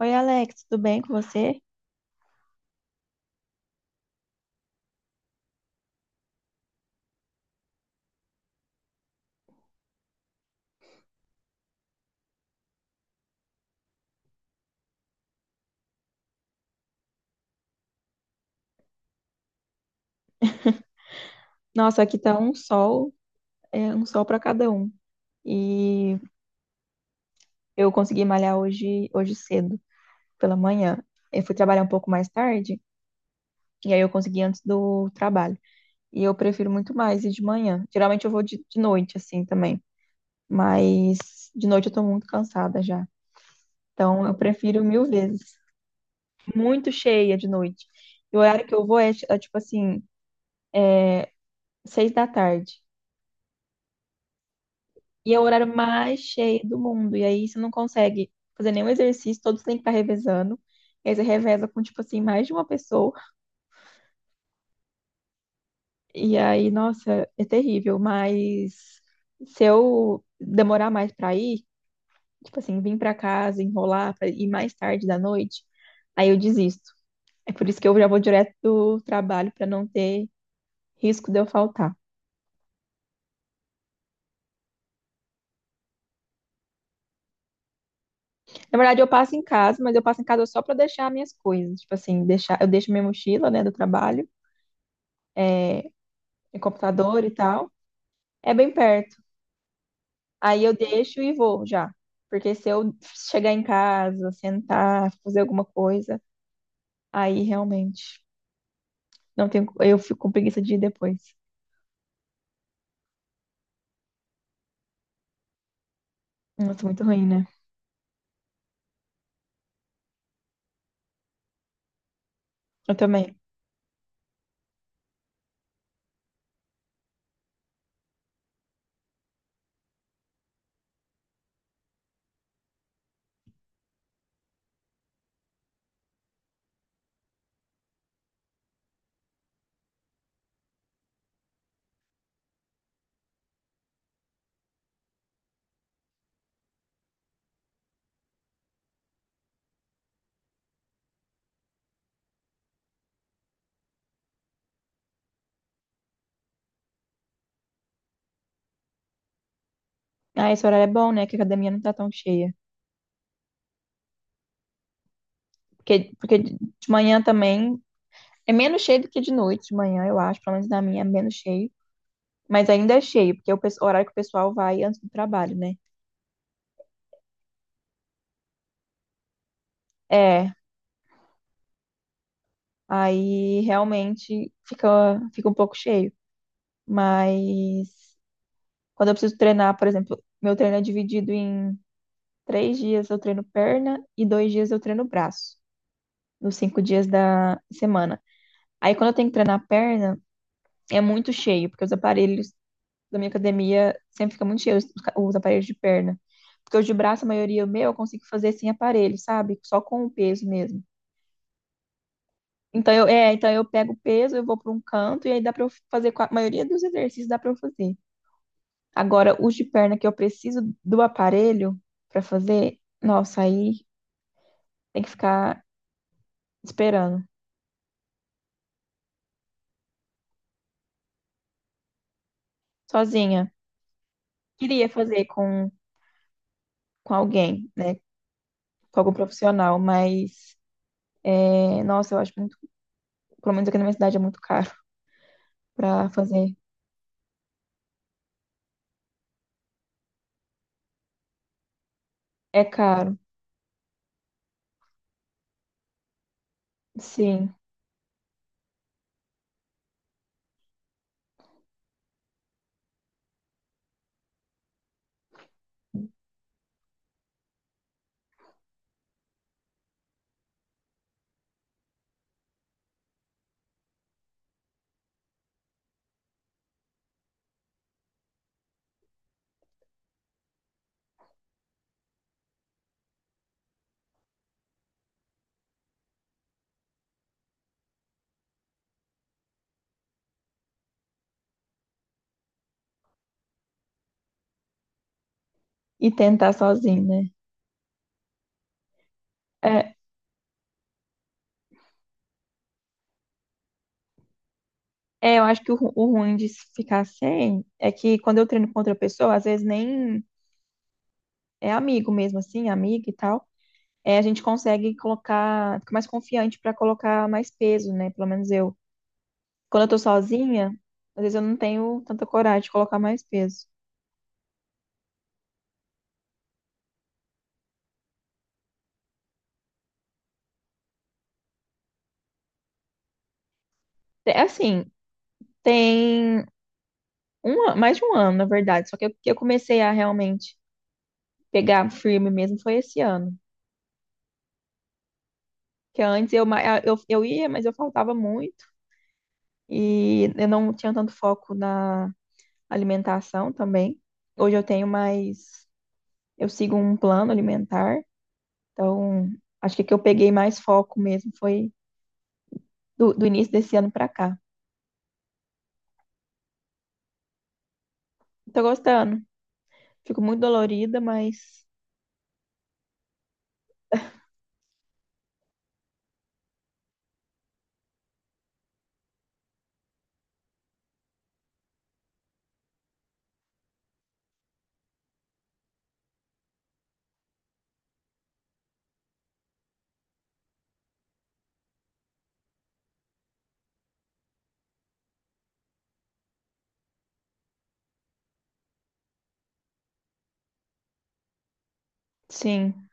Oi, Alex, tudo bem com você? Nossa, aqui tá um sol, é um sol para cada um. E eu consegui malhar hoje, hoje cedo, pela manhã. Eu fui trabalhar um pouco mais tarde, e aí eu consegui antes do trabalho. E eu prefiro muito mais ir de manhã. Geralmente eu vou de noite, assim, também. Mas de noite eu tô muito cansada já. Então eu prefiro mil vezes. Muito cheia de noite. E o horário que eu vou é tipo assim, seis da tarde. E é o horário mais cheio do mundo. E aí você não consegue fazer nenhum exercício, todos têm que estar revezando. E aí você reveza com, tipo assim, mais de uma pessoa. E aí, nossa, é terrível. Mas se eu demorar mais pra ir, tipo assim, vir pra casa, enrolar pra ir mais tarde da noite, aí eu desisto. É por isso que eu já vou direto do trabalho pra não ter risco de eu faltar. Na verdade, eu passo em casa, mas eu passo em casa só pra deixar minhas coisas. Tipo assim, deixar, eu deixo minha mochila, né, do trabalho, meu computador e tal. É bem perto. Aí eu deixo e vou já. Porque se eu chegar em casa, sentar, fazer alguma coisa, aí realmente não tenho, eu fico com preguiça de ir depois. Nossa, muito ruim, né? Eu também. Ah, esse horário é bom, né? Que a academia não tá tão cheia. Porque, porque de manhã também é menos cheio do que de noite, de manhã, eu acho. Pelo menos na minha é menos cheio. Mas ainda é cheio, porque é o o horário que o pessoal vai antes do trabalho, né? É, aí realmente fica, fica um pouco cheio. Mas quando eu preciso treinar, por exemplo, meu treino é dividido em três dias eu treino perna e dois dias eu treino braço, nos cinco dias da semana. Aí quando eu tenho que treinar perna, é muito cheio, porque os aparelhos da minha academia sempre ficam muito cheios, os os aparelhos de perna. Porque os de braço, a maioria meu, eu consigo fazer sem aparelho, sabe? Só com o peso mesmo. Então então eu pego o peso, eu vou para um canto e aí dá para eu fazer, a maioria dos exercícios dá para eu fazer. Agora, os de perna que eu preciso do aparelho para fazer, nossa, aí tem que ficar esperando, sozinha. Queria fazer com alguém, né? Com algum profissional, mas, é, nossa, eu acho muito, pelo menos aqui na minha cidade é muito caro para fazer. É caro, sim. E tentar sozinho, né? É, é, eu acho que o, o ruim de se ficar sem é que quando eu treino com outra pessoa, às vezes nem é amigo mesmo, assim, amiga e tal. É, a gente consegue colocar, fica mais confiante para colocar mais peso, né? Pelo menos eu. Quando eu tô sozinha, às vezes eu não tenho tanta coragem de colocar mais peso. É assim, tem um, mais de um ano, na verdade, só que eu comecei a realmente pegar firme mesmo foi esse ano. Que antes eu, eu ia, mas eu faltava muito e eu não tinha tanto foco na alimentação também. Hoje eu tenho mais, eu sigo um plano alimentar. Então, acho que eu peguei mais foco mesmo foi do início desse ano pra cá. Tô gostando. Fico muito dolorida, mas sim.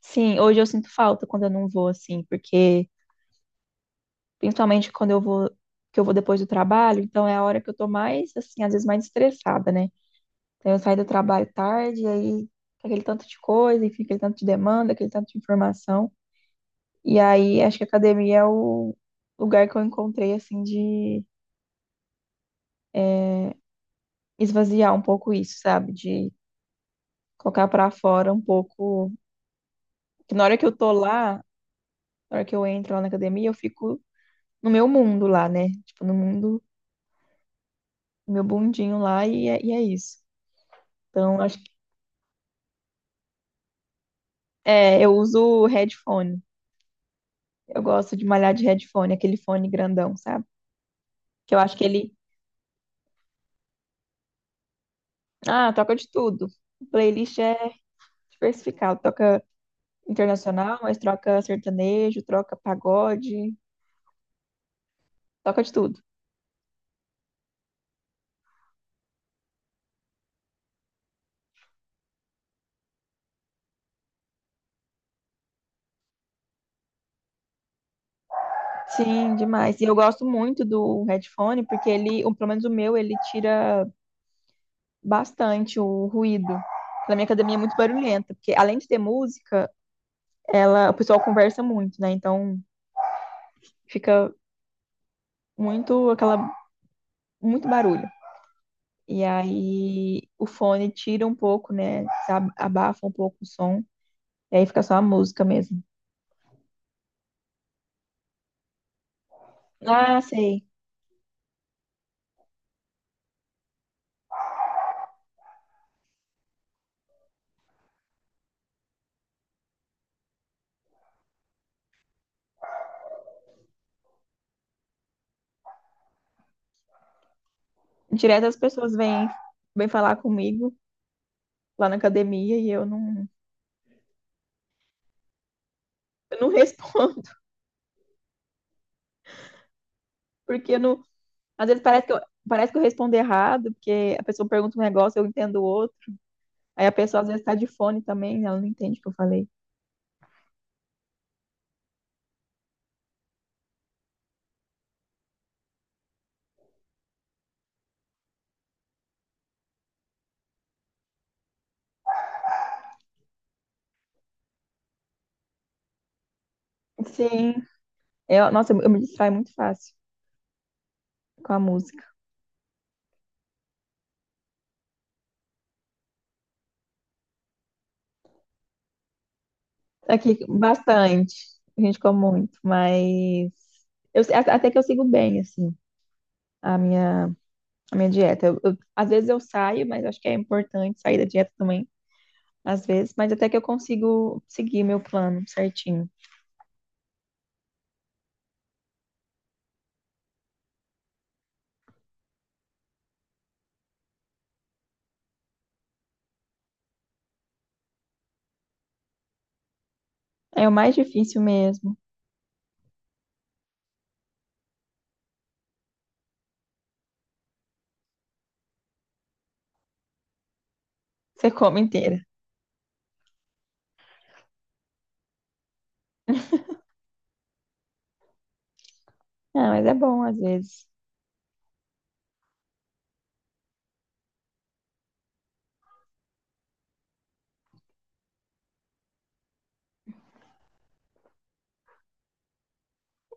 Sim, hoje eu sinto falta quando eu não vou assim, porque principalmente quando eu vou que eu vou depois do trabalho, então é a hora que eu tô mais assim, às vezes mais estressada, né? Então eu saio do trabalho tarde, e aí com aquele tanto de coisa, enfim, aquele tanto de demanda, aquele tanto de informação. E aí acho que a academia é o lugar que eu encontrei assim de eh, esvaziar um pouco isso, sabe? De colocar pra fora um pouco. Que na hora que eu tô lá, na hora que eu entro lá na academia, eu fico no meu mundo lá, né? Tipo, no mundo, no meu mundinho lá, e é isso. Então, acho que. É, eu uso headphone. Eu gosto de malhar de headphone, aquele fone grandão, sabe? Que eu acho que ele. Ah, toca de tudo. Playlist é diversificado. Toca internacional, mas troca sertanejo, troca pagode, toca de tudo. Sim, demais. E eu gosto muito do headphone, porque ele, ou pelo menos o meu, ele tira bastante o ruído. Na minha academia é muito barulhenta, porque além de ter música, ela, o pessoal conversa muito, né? Então fica muito aquela, muito barulho. E aí o fone tira um pouco, né? Abafa um pouco o som, e aí fica só a música mesmo. Ah, sei. Direto as pessoas vêm, vêm falar comigo lá na academia e eu não respondo, porque eu não às vezes parece que eu respondo errado, porque a pessoa pergunta um negócio, eu entendo o outro. Aí a pessoa às vezes tá de fone também, né? Ela não entende o que eu falei. Sim, eu, nossa, eu me distraio muito fácil com a música. Aqui, bastante. A gente come muito, mas até que eu sigo bem, assim, a minha, a minha dieta. Às vezes eu saio, mas acho que é importante sair da dieta também, às vezes, mas até que eu consigo seguir meu plano certinho. É o mais difícil mesmo. Você come inteira. Ah, mas é bom às vezes.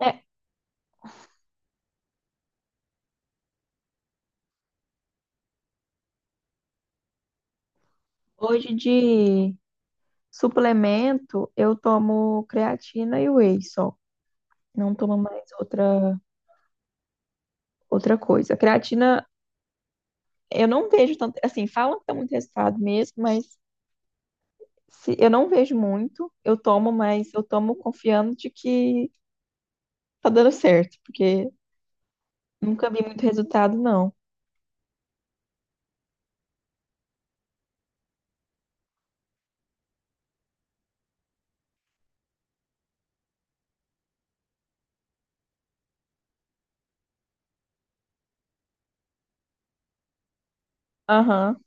É, hoje de suplemento, eu tomo creatina e whey só. Não tomo mais outra coisa. Creatina, eu não vejo tanto. Assim, falam que dá muito resultado mesmo, mas se, eu não vejo muito. Eu tomo, mas eu tomo confiando de que tá dando certo, porque nunca vi muito resultado, não. Aham,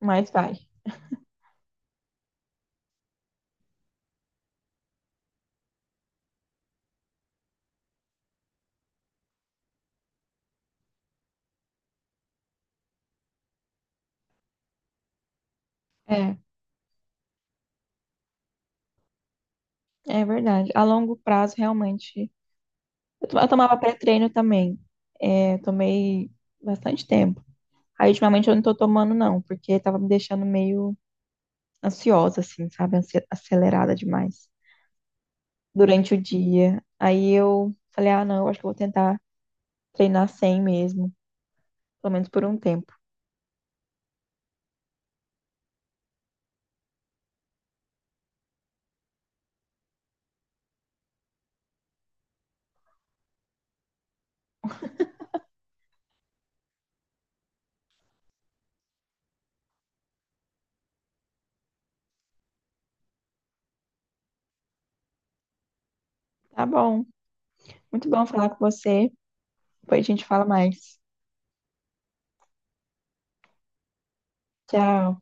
mas vai. É, é verdade. A longo prazo, realmente. Eu tomava pré-treino também. É, tomei bastante tempo. Aí ultimamente eu não tô tomando, não, porque tava me deixando meio ansiosa, assim, sabe? Acelerada demais durante o dia. Aí eu falei, ah, não, acho que eu vou tentar treinar sem mesmo, pelo menos por um tempo. Tá bom. Muito bom falar com você. Depois a gente fala mais. Tchau.